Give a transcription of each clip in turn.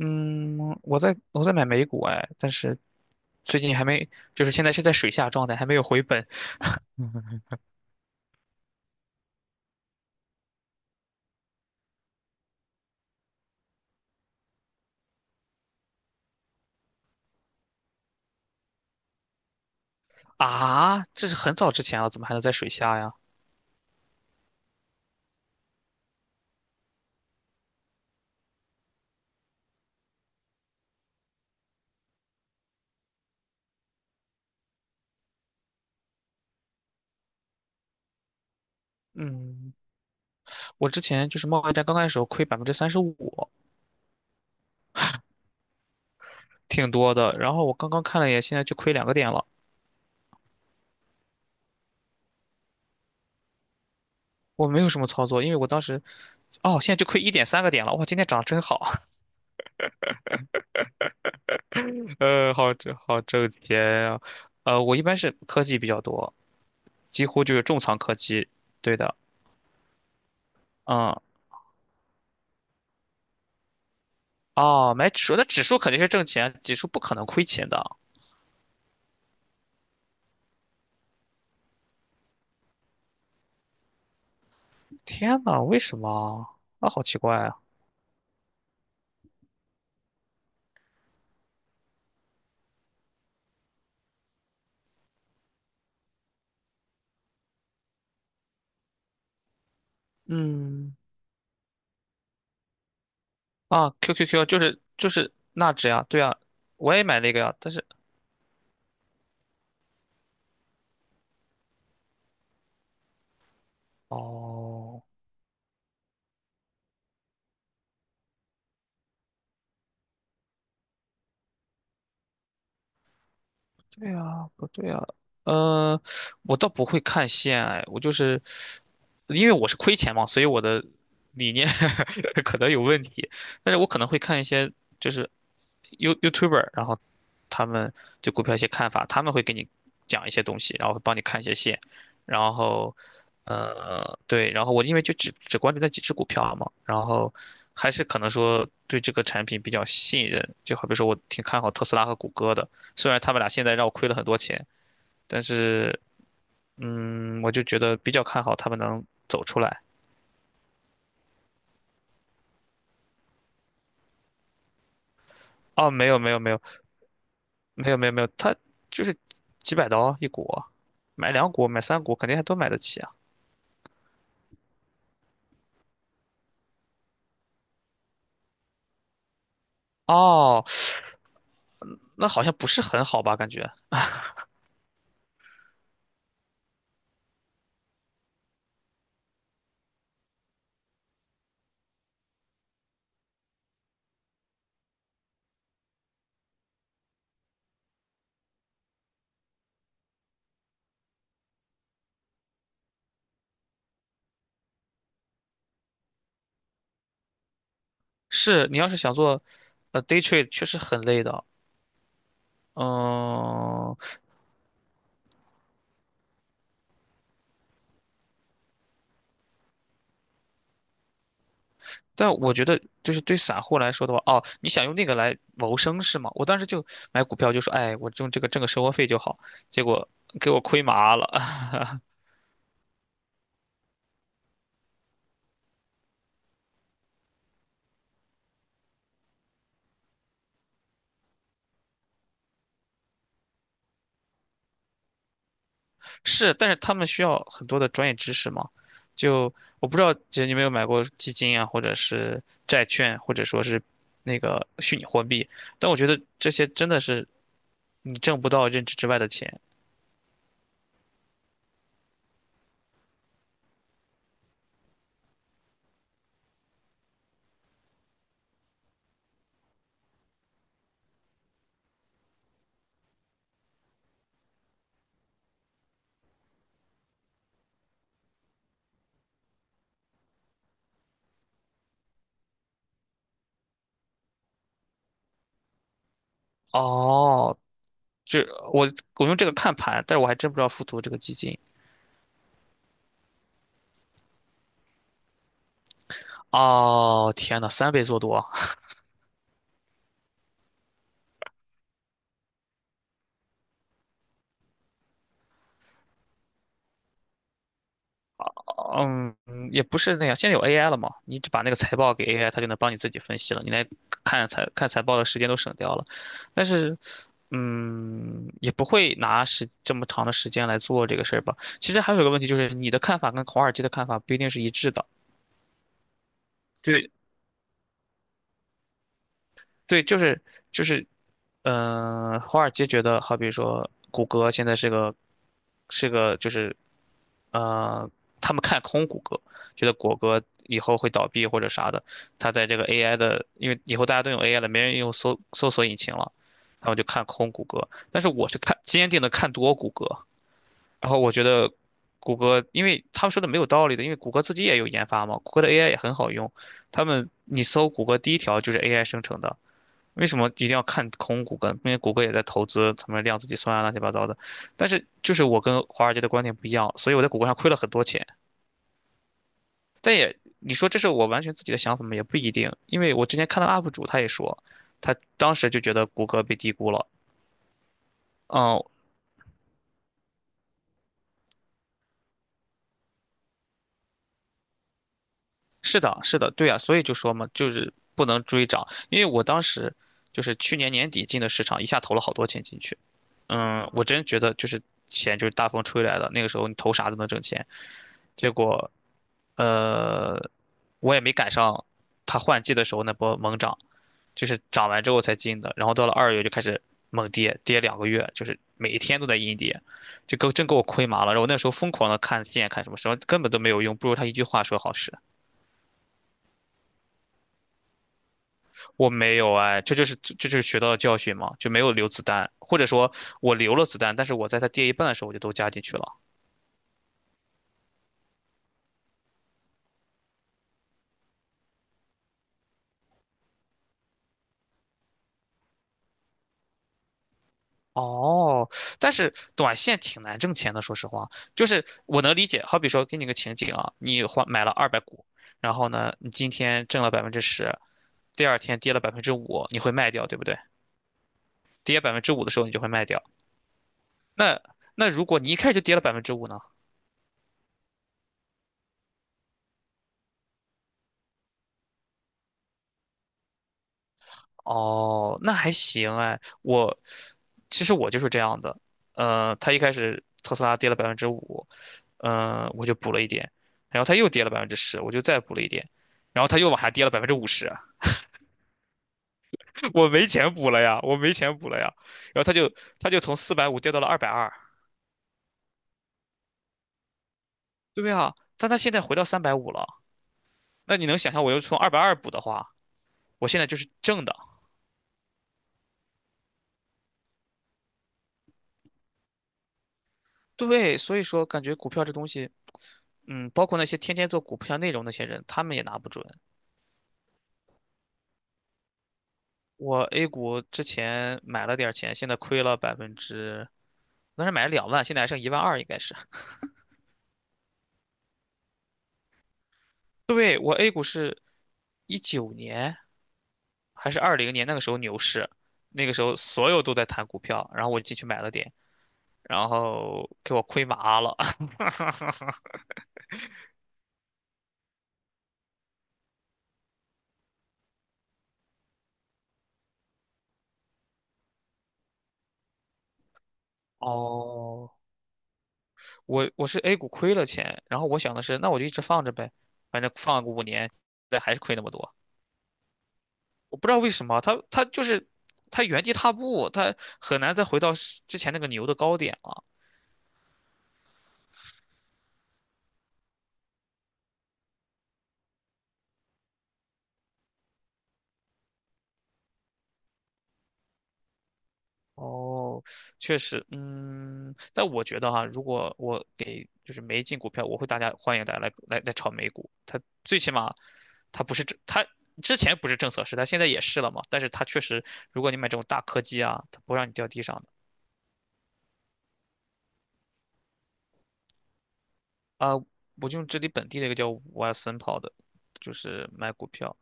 嗯，我在买美股哎，但是最近还没，就是现在是在水下状态，还没有回本 啊，这是很早之前了，怎么还能在水下呀？嗯，我之前就是贸易战刚开始时候亏35%，挺多的。然后我刚刚看了一眼，现在就亏2个点了。我没有什么操作，因为我当时，哦，现在就亏1.3个点了。哇，今天涨得真好。好挣钱啊。我一般是科技比较多，几乎就是重仓科技。对的。嗯。哦，买指数，那指数肯定是挣钱，指数不可能亏钱的啊。天呐，为什么啊？啊，好奇怪啊。嗯。啊，QQQ 就是纳指呀，对啊，我也买那个呀，但是哦。对啊，不对啊，嗯，我倒不会看线。哎，我就是因为我是亏钱嘛，所以我的理念 可能有问题。但是我可能会看一些就是 YouTuber，然后他们对股票一些看法，他们会给你讲一些东西，然后会帮你看一些线，然后对，然后我因为就只关注那几只股票嘛，然后还是可能说对这个产品比较信任，就好比说我挺看好特斯拉和谷歌的。虽然他们俩现在让我亏了很多钱，但是我就觉得比较看好他们能走出来。哦，没有没有没有没有没有没有，他就是几百刀一股，买2股买3股肯定还都买得起啊。哦，那好像不是很好吧？感觉是你要是想做day trade,确实很累的。嗯，但我觉得就是对散户来说的话，哦，你想用那个来谋生是吗？我当时就买股票就说，哎，我用这个挣个生活费就好，结果给我亏麻了。是，但是他们需要很多的专业知识嘛。就我不知道，姐你有没有买过基金啊，或者是债券，或者说是那个虚拟货币？但我觉得这些真的是你挣不到认知之外的钱。哦，这我我用这个看盘，但是我还真不知道富途这个基金。哦，天呐，3倍做多！嗯，也不是那样。现在有 AI 了嘛，你只把那个财报给 AI,它就能帮你自己分析了。你来看财报的时间都省掉了，但是，也不会拿时这么长的时间来做这个事儿吧。其实还有一个问题就是，你的看法跟华尔街的看法不一定是一致的。就对，就是，华尔街觉得，好比说谷歌现在是个呃，他们看空谷歌，觉得谷歌以后会倒闭或者啥的。他在这个 AI 的，因为以后大家都用 AI 了，没人用搜索引擎了，然后就看空谷歌。但是我是坚定的看多谷歌，然后我觉得谷歌，因为他们说的没有道理的，因为谷歌自己也有研发嘛，谷歌的 AI 也很好用，他们你搜谷歌第一条就是 AI 生成的。为什么一定要看空谷歌？因为谷歌也在投资他们量子计算啊，乱七八糟的。但是就是我跟华尔街的观点不一样，所以我在谷歌上亏了很多钱。但也你说这是我完全自己的想法吗？也不一定，因为我之前看到 UP 主他也说，他当时就觉得谷歌被低估了。嗯，是的，是的，对啊，所以就说嘛，就是不能追涨，因为我当时就是去年年底进的市场，一下投了好多钱进去。嗯，我真觉得就是钱就是大风吹来的，那个时候你投啥都能挣钱。结果，呃，我也没赶上它换季的时候那波猛涨，就是涨完之后才进的，然后到了2月就开始猛跌，跌2个月，就是每一天都在阴跌，真给我亏麻了，然后我那时候疯狂的看线看什么什么，根本都没有用，不如他一句话说好使。我没有哎，这就是学到的教训嘛，就没有留子弹，或者说我留了子弹，但是我在它跌一半的时候我就都加进去了。哦，但是短线挺难挣钱的，说实话，就是我能理解。好比说，给你个情景啊，你买了200股，然后呢，你今天挣了百分之十，第二天跌了百分之五，你会卖掉，对不对？跌百分之五的时候你就会卖掉。那那如果你一开始就跌了百分之五呢？哦，那还行哎。其实我就是这样的，它一开始特斯拉跌了百分之五，嗯，我就补了一点，然后它又跌了百分之十，我就再补了一点，然后它又往下跌了50%啊，我没钱补了呀，我没钱补了呀，然后它就从450跌到了二百二。对呀，但它现在回到350了，那你能想象我又从二百二补的话，我现在就是正的。对，所以说感觉股票这东西，包括那些天天做股票内容那些人，他们也拿不准。我 A 股之前买了点儿钱，现在亏了百分之，当时买了2万，现在还剩1.2万，应该是。对，我 A 股是19年还是20年那个时候牛市，那个时候所有都在谈股票，然后我进去买了点，然后给我亏麻了。哦，我是 A 股亏了钱，然后我想的是，那我就一直放着呗，反正放个5年。对，还是亏那么多。我不知道为什么，它它就是它原地踏步，它很难再回到之前那个牛的高点了。哦，确实，但我觉得哈，如果我给就是没进股票，我会欢迎大家来炒美股。它最起码，它之前不是政策时代，现在也是了嘛。但是它确实，如果你买这种大科技啊，它不让你掉地上的啊。我就用这里本地的一个叫 WASON 跑的，就是买股票，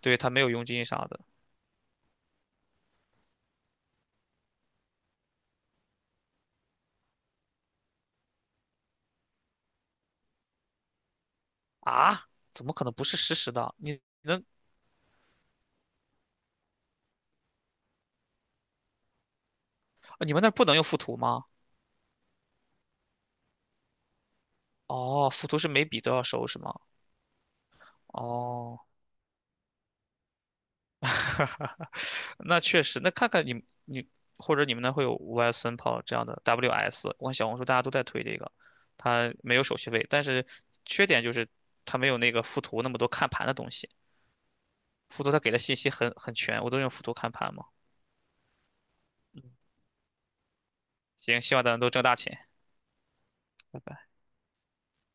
对，它没有佣金啥的啊？怎么可能不是实时的？啊你们那儿不能用附图吗？哦，附图是每笔都要收是吗？哦。那确实，那看看你或者你们那会有 YS n 跑这样的 WS,我看小红书大家都在推这个，它没有手续费，但是缺点就是它没有那个附图那么多看盘的东西，附图它给的信息很全，我都用附图看盘嘛。嗯行，希望咱们都挣大钱。拜拜。